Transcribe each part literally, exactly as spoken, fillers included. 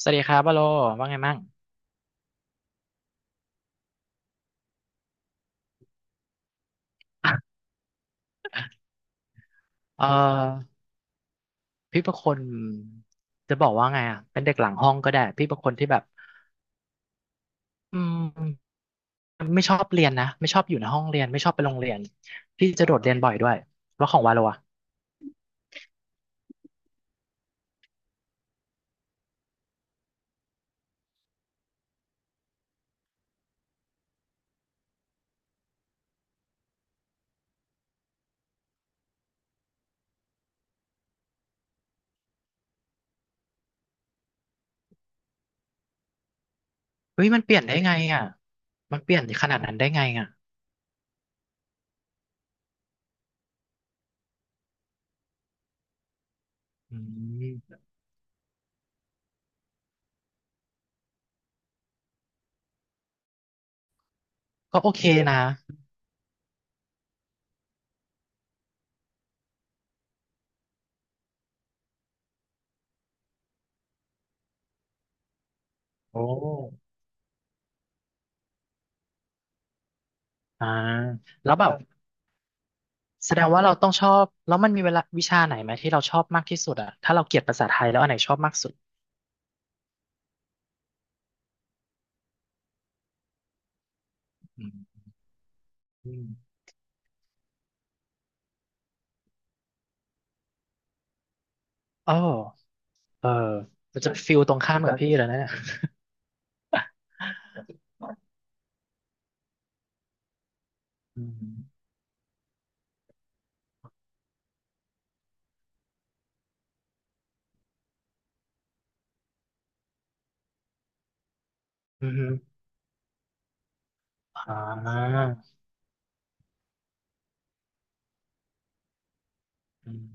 สวัสดีครับวาโลว่าไงมั่งเออพี่เป็นคนจะบอกว่าไงอ่ะเป็นเด็กหลังห้องก็ได้พี่เป็นคนที่แบบอืมไม่ชอบเรียนนะไม่ชอบอยู่ในห้องเรียนไม่ชอบไปโรงเรียนพี่จะโดดเรียนบ่อยด้วยแล้วของวาโลอ่ะเฮ้ยมันเปลี่ยนได้ไงอ่ะมันเปลี่ยนขนาดนั้นได้ไงอ่ะอืมก็โอเคนะโอ้อ่าแล้วแบบแสดงว่าเราต้องชอบแล้วมันมีเวลาวิชาไหนไหมที่เราชอบมากที่สุดอ่ะถ้าเราเกลียดภาษาไทยแล้วอันไหนชอบมากสุดอืมอ๋อ เออมันจะฟิลตรงข้ามกับพี่เลยวนะเนี่ยอืมอืมอ่าอืม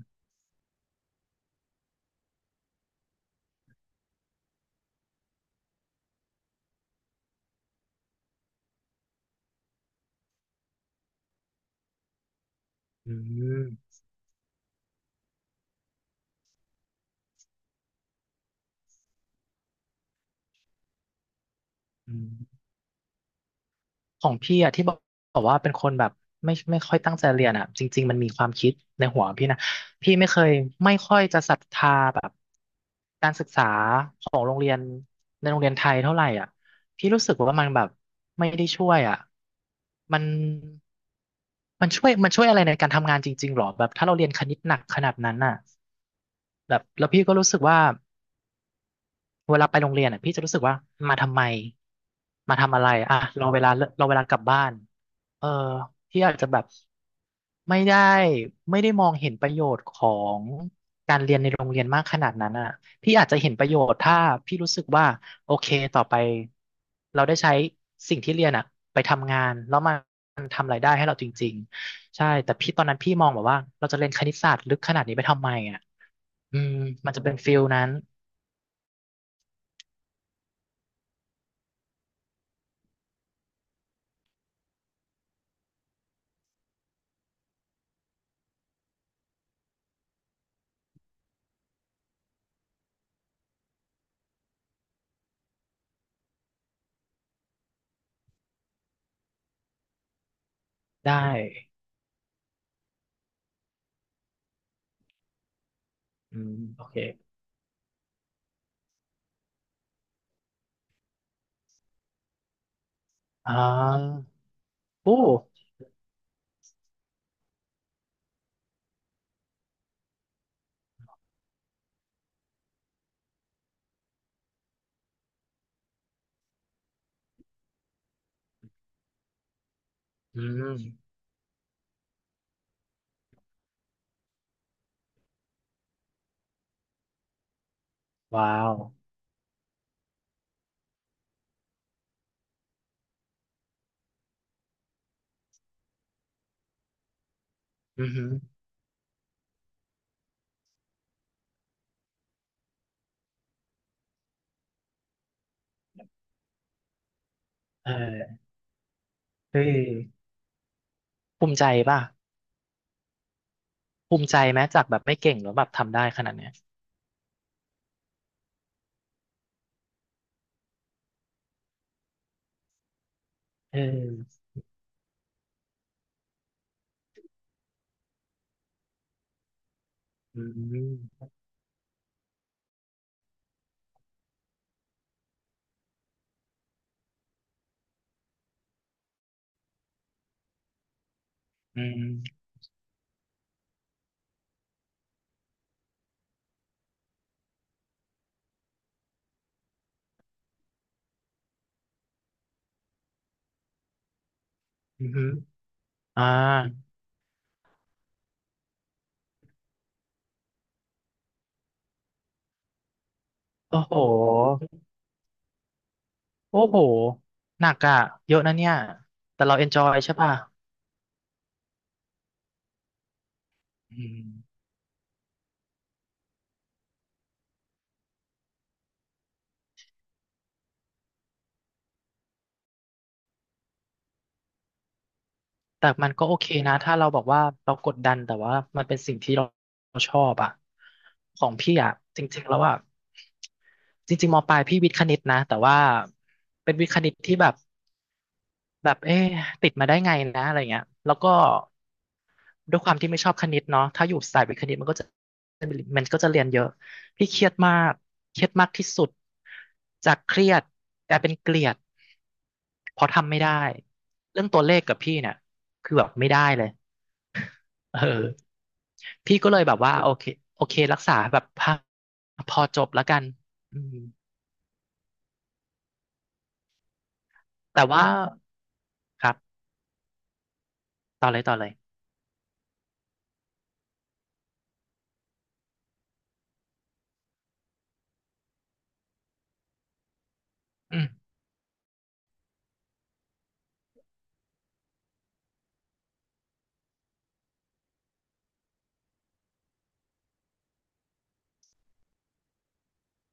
อืมอืมของพี่อะที่บอกบอกว่าเป็นคนแบบไม่ไม่ค่อยตั้งใจเรียนอะจริงๆมันมีความคิดในหัวพี่นะพี่ไม่เคยไม่ค่อยจะศรัทธาแบบการศึกษาของโรงเรียนในโรงเรียนไทยเท่าไหร่อ่ะพี่รู้สึกว่ามันแบบไม่ได้ช่วยอ่ะมันมันช่วยมันช่วยอะไรในการทำงานจริงๆหรอแบบถ้าเราเรียนคณิตหนักขนาดนั้นน่ะ แบบแล้วพี่ก็รู้สึกว่าเวลาไปโรงเรียนอ่ะพี่จะรู้สึกว่ามาทำไมมาทำอะไรอ่ะรอเวลาเรอเวลากลับบ้านเออพี่อาจจะแบบไม่ได้ไม่ได้มองเห็นประโยชน์ของการเรียนในโรงเรียนมากขนาดนั้นอ่ะพี่อาจจะเห็นประโยชน์ถ้าพี่รู้สึกว่าโอเคต่อไปเราได้ใช้สิ่งที่เรียนอ่ะไปทำงานแล้วมันทำรายได้ให้เราจริงๆใช่แต่พี่ตอนนั้นพี่มองแบบว่าเราจะเรียนคณิตศาสตร์ลึกขนาดนี้ไปทำไมอ่ะอืมมันจะเป็นฟิลนั้น ได้อืมโอเคอ่าโอ้อืมว้าวอือหือเออเฮ้ยภูมิใจป่ะ ภูมิใจไหมจากแบบไม่เก่งแล้วแบบทำได้ขนาดเนี้ยเอออืมอืมอือหืออ่าโอ้โหโอ้โหหนักอ่ะ เยอะนะเนี่ยแต่เราเอนจอยใช่ป่ะอืม แต่มันก็โอเคนะถ้าเราบอกว่าเรากดดันแต่ว่ามันเป็นสิ่งที่เราเราชอบอะของพี่อะจริงๆแล้วอะจริงๆมปลายพี่วิทย์คณิตนะแต่ว่าเป็นวิทย์คณิตที่แบบแบบเอ๊ะติดมาได้ไงนะอะไรเงี้ยแล้วก็ ด้วยความที่ไม่ชอบคณิตเนาะถ้าอยู่สายวิทย์คณิตมันก็จะมันก็จะเรียนเยอะพี่เครียดมากเครียดมากที่สุดจากเครียดกลายเป็นเกลียดเพราะทำไม่ได้เรื่องตัวเลขกับพี่เนี่ยคือแบบไม่ได้เลยเออพี่ก็เลยแบบว่าโอเคโอเครักษาแบบพอพอจบแล้วกันอืมแต่ว่าครับต่อเลยต่อเลยอืม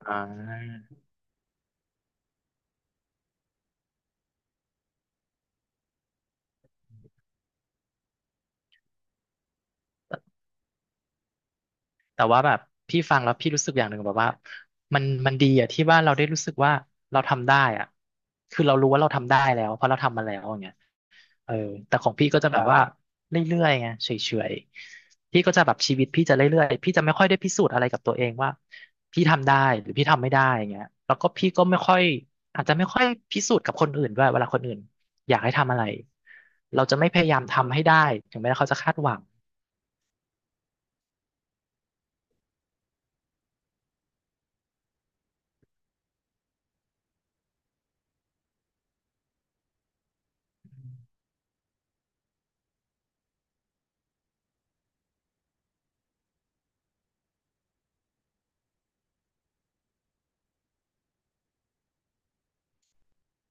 อ่า แต่ว่าแบบพี่ฟังแล้วพี่รู้สึกอย่างหนึ่งแบบว่ามันมันดีอะที่ว่าเราได้รู้สึกว่าเราทำได้อะคือเรารู้ว่าเราทำได้แล้วเพราะเราทำมาแล้วอย่างเงี้ยเออแต่ของพี่ก็จะแบบว่าเรื่อยๆไงเฉยๆพี่ก็จะแบบชีวิตพี่จะเรื่อยๆพี่จะไม่ค่อยได้พิสูจน์อะไรกับตัวเองว่าพี่ทำได้หรือพี่ทำไม่ได้อย่างเงี้ยแล้วก็พี่ก็ไม่ค่อยอาจจะไม่ค่อยพิสูจน์กับคนอื่นด้วยเวลาคนอื่นอยากให้ทำอะไรเราจะไม่พยายามทำให้ได้ถึงแม้เขาจะคาดหวัง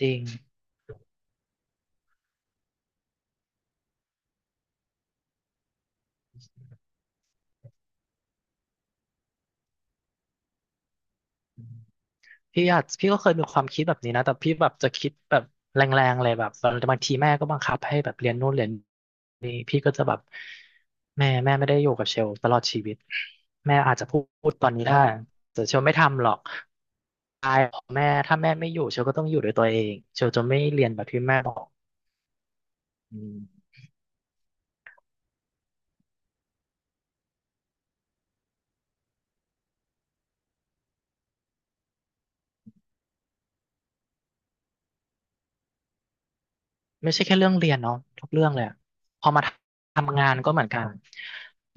จริง พี่อาจพี่ก็เคยมีความคิดแบบนี้นะแต่พี่แบบจะคิดแบบแรงๆเลยแบบบางทีแม่ก็บังคับให้แบบเรียนนู่นเรียนนี่พี่ก็จะแบบแม่แม่ไม่ได้อยู่กับเชลตลอดชีวิตแม่อาจจะพูดตอนนี้ได้แต่เชลไม่ทำหรอกตายของแม่ถ้าแม่ไม่อยู่เชลก็ต้องอยู่ด้วยตัวเองเชลจะไม่เรียนแบบที่แม่บอกอืมไม่ใช่แค่เรื่องเรียนเนาะทุกเรื่องเลยอะพอมาทำงานก็เหมือนกัน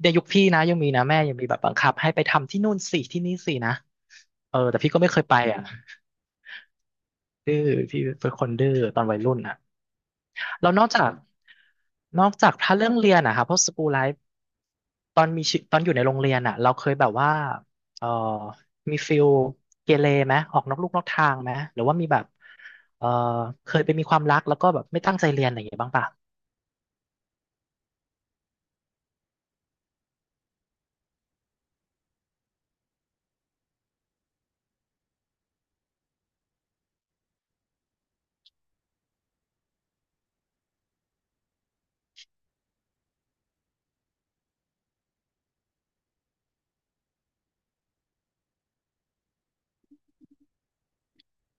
เดี๋ยวยุคพี่นะยังมีนะแม่ยังมีแบบบังคับให้ไปทำที่นู่นสิที่นี่สินะ เออแต่พี่ก็ไม่เคยไปอ่ะดื้อพี่เป็นคนดื้อตอนวัยรุ่นอ่ะแล้วนอกจากนอกจากถ้าเรื่องเรียนอะค่ะพวกสกู l ไลฟ์ตอนมีชีตอนอยู่ในโรงเรียนอะเราเคยแบบว่าเออมีฟิลเกเรไหมออกนอกลูกนอกทางไหมหรือว่ามีแบบเออเคยไปมีความรักแล้วก็แบบไม่ตั้งใจเรียนอะไรอย่างเงี้ยบ้างป่ะ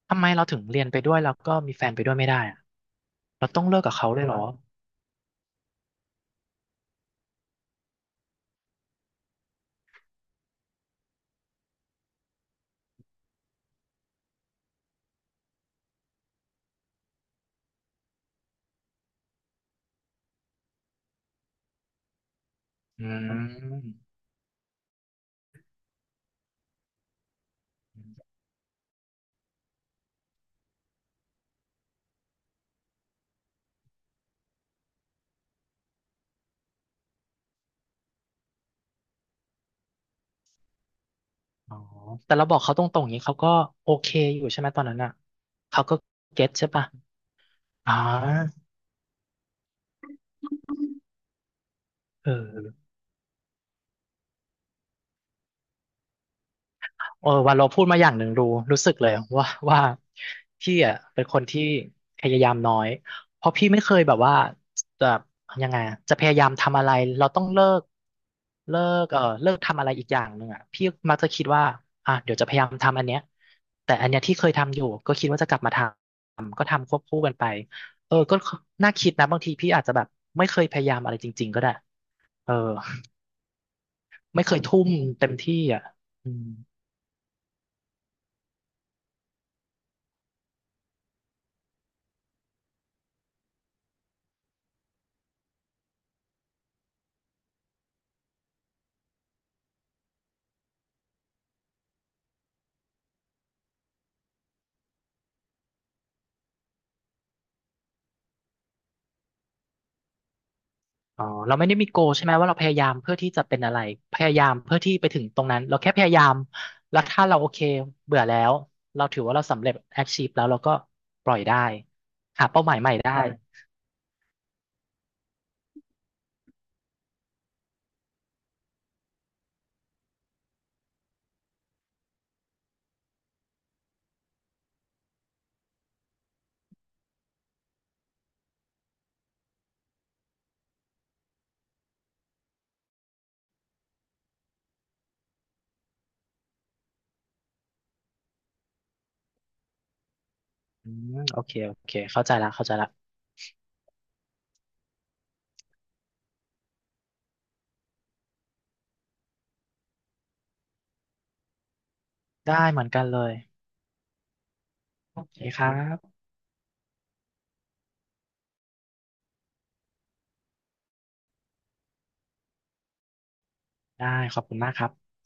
ทำไมเราถึงเรียนไปด้วยแล้วก็มีแฟนไปด้วยไม่ได้อะเราต้องเลิกกับเขาเลยเหรออืม อ๋อแต่เราบอกเขาตรงๆอย่างนี้เขาก็โอเคอยู่ใช่ไหมตอนนั้นอ่ะเขาก็เก็ตใช่ปะอ่าเออ เออวันเราพูดมาอย่างหนึ่งรู้รู้สึกเลยว่าว่าพี่อ่ะเป็นคนที่พยายามน้อยเพราะพี่ไม่เคยแบบว่าจะยังไงอะจะพยายามทำอะไรเราต้องเลิกเลิกเออเลิกทำอะไรอีกอย่างหนึ่งอ่ะพี่มักจะคิดว่าอ่ะเดี๋ยวจะพยายามทำอันเนี้ยแต่อันเนี้ยที่เคยทำอยู่ก็คิดว่าจะกลับมาทำก็ทำควบคู่กันไปเออก็น่าคิดนะบางทีพี่อาจจะแบบไม่เคยพยายามอะไรจริงๆก็ได้เออไม่เคยทุ่มเต็มที่อ่ะอืม อ๋อเราไม่ได้มีโกใช่ไหมว่าเราพยายามเพื่อที่จะเป็นอะไรพยายามเพื่อที่ไปถึงตรงนั้นเราแค่พยายามแล้วถ้าเราโอเคเบื่อแล้วเราถือว่าเราสำเร็จ achieve แล้วเราก็ปล่อยได้หาเป้าหมายใหม่ได้อืมโอเคโอเคเข้าใจละเข้าใจละได้เหมือนกันเลยโอเคครับได้ขอบคุณมากครับ